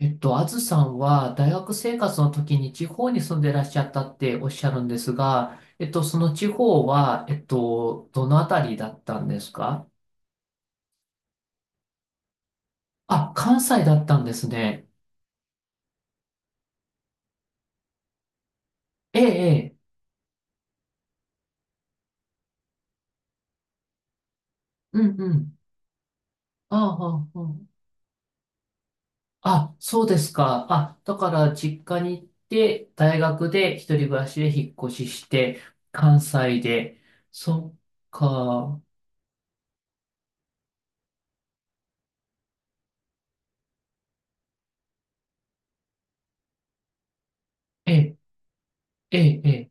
あずさんは大学生活の時に地方に住んでらっしゃったっておっしゃるんですが、その地方は、どのあたりだったんですか？あ、関西だったんですね。ええ、ええ、うんうん。ああ、ああ、ああそうですか。あ、だから実家に行って、大学で一人暮らしで引っ越しして、関西で。そっか。ええ、ええ、え、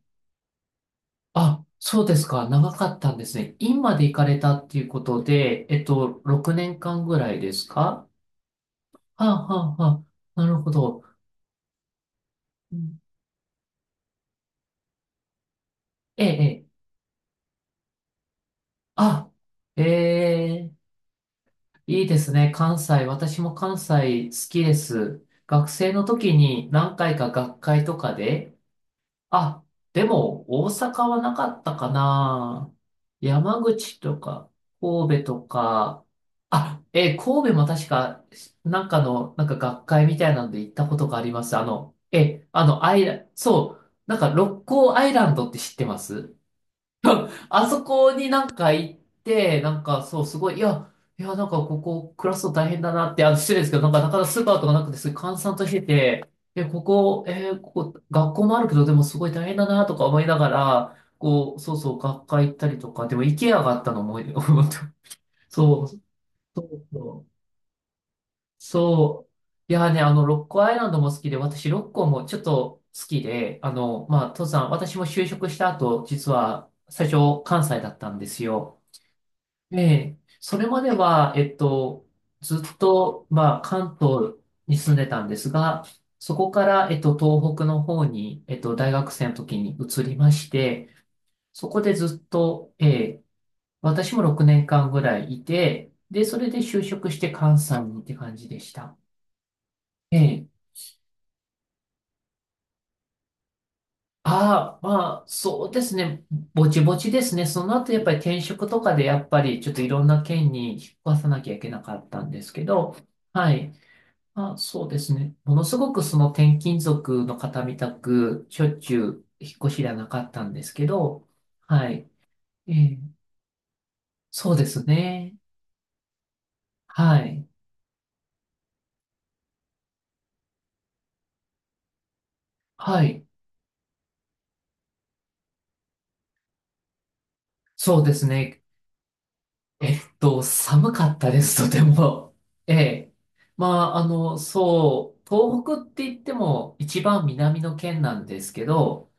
あ、そうですか。長かったんですね。今まで行かれたっていうことで、6年間ぐらいですか？はあ、はあ、はあ。なるほど。うん、ええ、ええ。あ、ええ、いいですね。関西。私も関西好きです。学生の時に何回か学会とかで、あ、でも、大阪はなかったかな。山口とか、神戸とか、あ、えー神戸も確か、なんかの、なんか学会みたいなんで行ったことがあります。あの、アイラ、そう、なんか、六甲アイランドって知ってますあそこになんか行って、なんかそう、すごい、いや、いや、なんかここ暮らすの大変だなって、あの、失礼ですけど、なんかなかなかスーパーとかなくて、すごい閑散としてて、え、ここ、えーここ、学校もあるけど、でもすごい大変だなとか思いながら、こう、そうそう、学会行ったりとか、でも、イケアがあったの思い、思った。そう、そうそう。そう。いやね、あの、ロッコアイランドも好きで、私、ロッコもちょっと好きで、あの、まあ、登山、私も就職した後、実は、最初、関西だったんですよ。ええ、それまでは、ずっと、まあ、関東に住んでたんですが、そこから、東北の方に、大学生の時に移りまして、そこでずっと、ええ、私も6年間ぐらいいて、で、それで就職して関西にって感じでした。ええ、ああ、まあ、そうですね、ぼちぼちですね。その後、やっぱり転職とかで、やっぱり、ちょっといろんな県に引っ越さなきゃいけなかったんですけど、はい。あ、そうですね。ものすごくその転勤族の方みたく、しょっちゅう引っ越しではなかったんですけど、はい。ええ、そうですね。はい。はい。そうですね。寒かったです、とても。ええ。まあ、あの、そう、東北って言っても一番南の県なんですけど、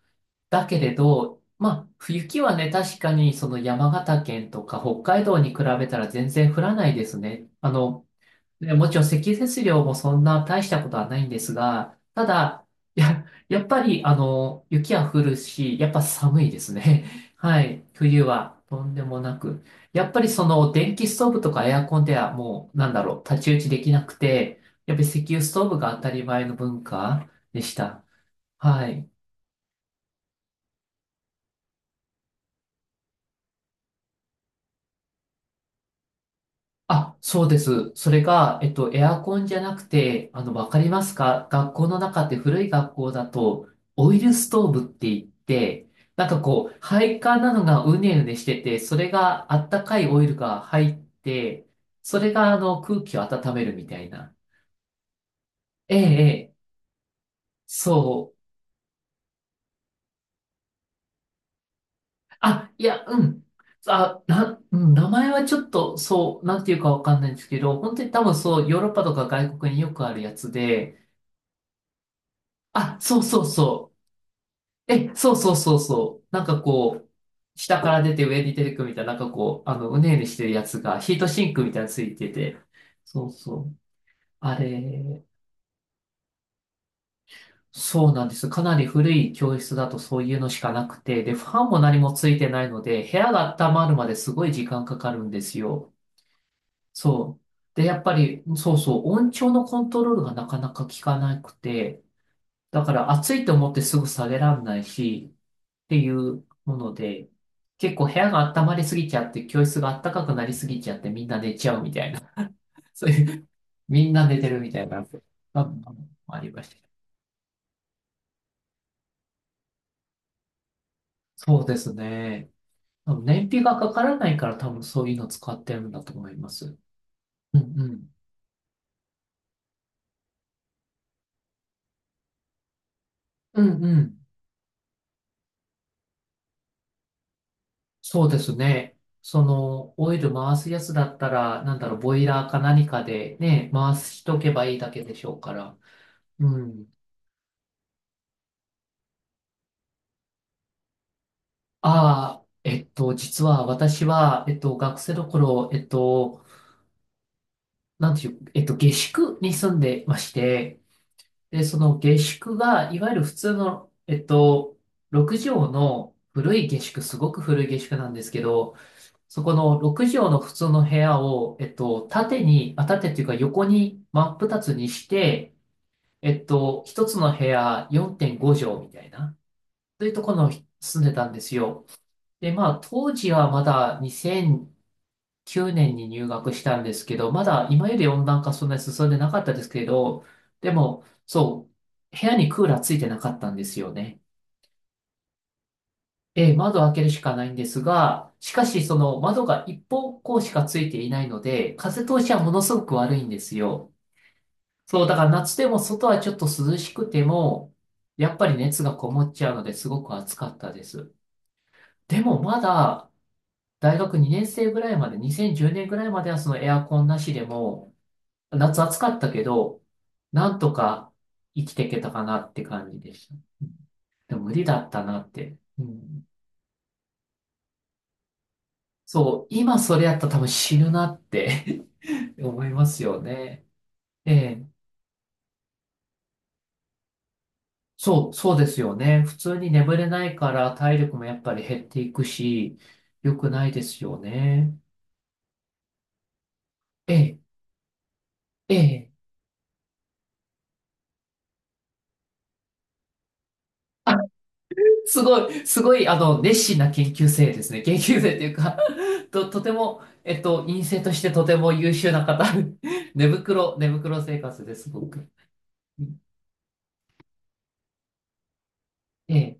だけれど、まあ、雪はね、確かにその山形県とか北海道に比べたら全然降らないですね。あの、で、もちろん積雪量もそんな大したことはないんですが、ただ、やっぱり、あの、雪は降るし、やっぱ寒いですね。はい。冬はとんでもなく。やっぱりその電気ストーブとかエアコンではもう、なんだろう、太刀打ちできなくて、やっぱり石油ストーブが当たり前の文化でした。はい。あ、そうです。それが、エアコンじゃなくて、あの、わかりますか？学校の中って古い学校だと、オイルストーブって言って、なんかこう、配管なのがうねうねしてて、それがあったかいオイルが入って、それがあの、空気を温めるみたいな。ええ、ええ、そう。あ、いや、うん。うん、名前はちょっと、そう、なんていうかわかんないんですけど、本当に多分そう、ヨーロッパとか外国によくあるやつで、あ、そうそうそう。え、そうそうそうそう。なんかこう、下から出て上に出てくみたいな、なんかこう、あの、うねうねしてるやつが、ヒートシンクみたいなのついてて。そうそう。あれ、そうなんです。かなり古い教室だとそういうのしかなくて、で、ファンも何もついてないので、部屋が温まるまですごい時間かかるんですよ。そう。で、やっぱり、そうそう、音調のコントロールがなかなか効かなくて、だから暑いと思ってすぐ下げらんないし、っていうもので、結構部屋が温まりすぎちゃって、教室が暖かくなりすぎちゃって、みんな寝ちゃうみたいな。そういう、みんな寝てるみたいな、あ、ありました。そうですね。多分燃費がかからないから多分そういうの使ってるんだと思います。うんうん。うんうん。そうですね。その、オイル回すやつだったら、なんだろう、ボイラーか何かでね、回しとけばいいだけでしょうから。うん。ああ、実は私は、学生の頃、なんていう、下宿に住んでまして、で、その下宿が、いわゆる普通の、6畳の古い下宿、すごく古い下宿なんですけど、そこの6畳の普通の部屋を、縦に、あ、縦っていうか横に真っ二つにして、一つの部屋4.5畳みたいな、というところに住んでたんですよ。で、まあ、当時はまだ2009年に入学したんですけど、まだ今より温暖化そんなに進んでなかったですけど、でも、そう、部屋にクーラーついてなかったんですよね。えー、窓を開けるしかないんですが、しかしその窓が一方向しかついていないので、風通しはものすごく悪いんですよ。そう、だから夏でも外はちょっと涼しくても、やっぱり熱がこもっちゃうのですごく暑かったです。でもまだ大学2年生ぐらいまで、2010年ぐらいまではそのエアコンなしでも、夏暑かったけど、なんとか生きていけたかなって感じでした。でも無理だったなって。うん、そう、今それやったら多分死ぬなって 思いますよね。ええ、そう、そうですよね。普通に眠れないから体力もやっぱり減っていくし、良くないですよね。ええ、ええ。すごい、すごい、あの、熱心な研究生ですね。研究生というか とても、院生としてとても優秀な方。寝袋、寝袋生活です、すごく。ええ、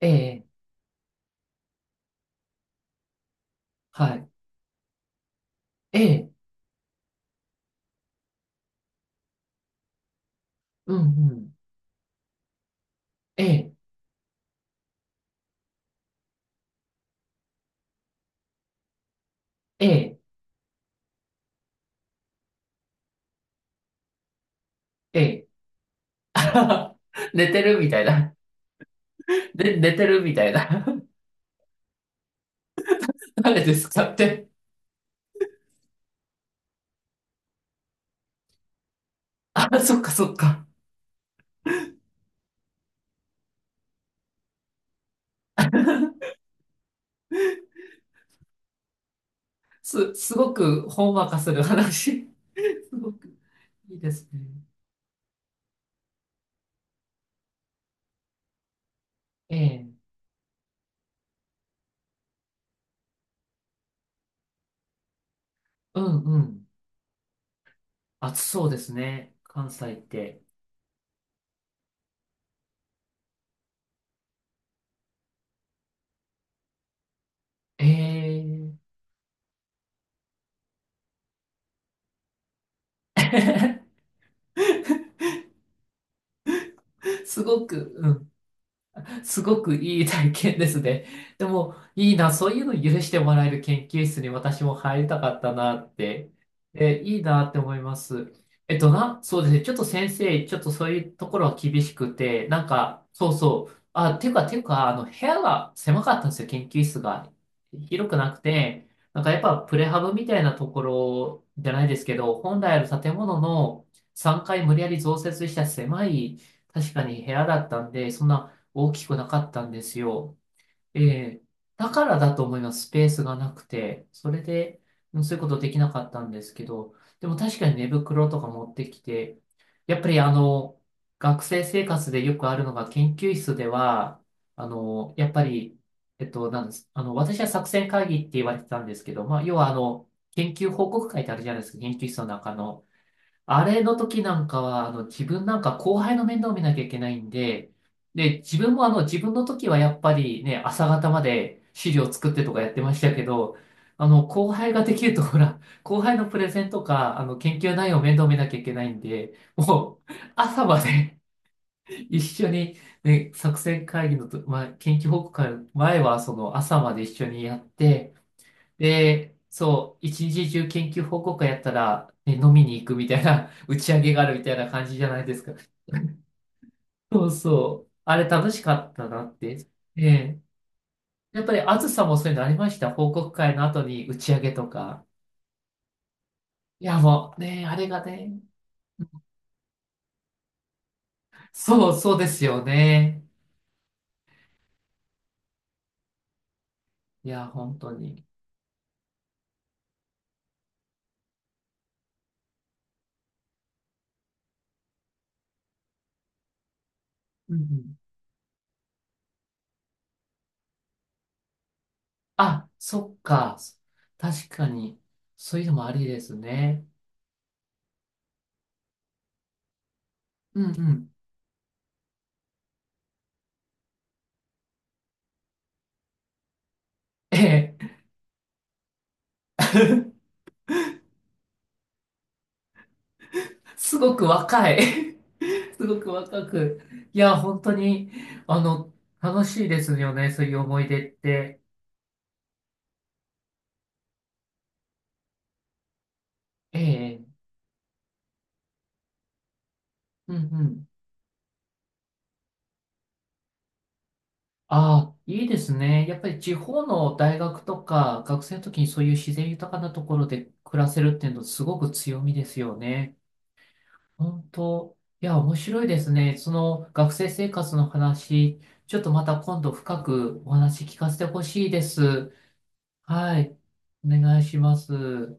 ええ、はい。ええ、うんうん。ええ、ええ、ええ。寝てるみたいな。で、寝てるみたいな。誰ですかって。あ、そっかそっか。すごくほんわかする話。すごくいいですね。ええ、うんうん。暑そうですね。関西って。ええ すごく、うん、すごくいい体験ですね。でも、いいな、そういうの許してもらえる研究室に私も入りたかったなって。え、いいなって思います。えっとな、そうですね。ちょっと先生、ちょっとそういうところは厳しくて、なんか、そうそう。ていうか、あの、部屋が狭かったんですよ。研究室が。広くなくて、なんかやっぱプレハブみたいなところじゃないですけど、本来ある建物の3階無理やり増設した狭い、確かに部屋だったんで、そんな大きくなかったんですよ。ええ、だからだと思います。スペースがなくて。それで、うん、そういうことできなかったんですけど、でも確かに寝袋とか持ってきて、やっぱりあの、学生生活でよくあるのが研究室では、あの、やっぱり、なんです。あの、私は作戦会議って言われてたんですけど、まあ、要はあの、研究報告会ってあるじゃないですか、研究室の中の。あれの時なんかは、あの、自分なんか後輩の面倒を見なきゃいけないんで、で、自分もあの、自分の時はやっぱりね、朝方まで資料作ってとかやってましたけど、あの、後輩ができると、ほら、後輩のプレゼンとか、あの、研究内容を面倒見なきゃいけないんで、もう、朝まで 一緒に、ね、作戦会議のと、まあ、研究報告会の前は、その、朝まで一緒にやって、で、そう、一日中研究報告会やったら、ね、飲みに行くみたいな、打ち上げがあるみたいな感じじゃないですか。そうそう。あれ楽しかったなって。ええ。やっぱり、あずさもそういうのありました？報告会の後に打ち上げとか。いや、もう、ね、あれがね。そう、そうですよね。いや、本当に。うんうん。あ、そっか。確かに。そういうのもありですね。うんうん。ええ。すごく若い。すごく若く。いや、本当に、あの、楽しいですよね、そういう思い出って。ええ、うんうん。ああ、いいですね。やっぱり地方の大学とか、学生の時にそういう自然豊かなところで暮らせるっていうの、すごく強みですよね。本当。いや、面白いですね。その学生生活の話、ちょっとまた今度深くお話聞かせてほしいです。はい。お願いします。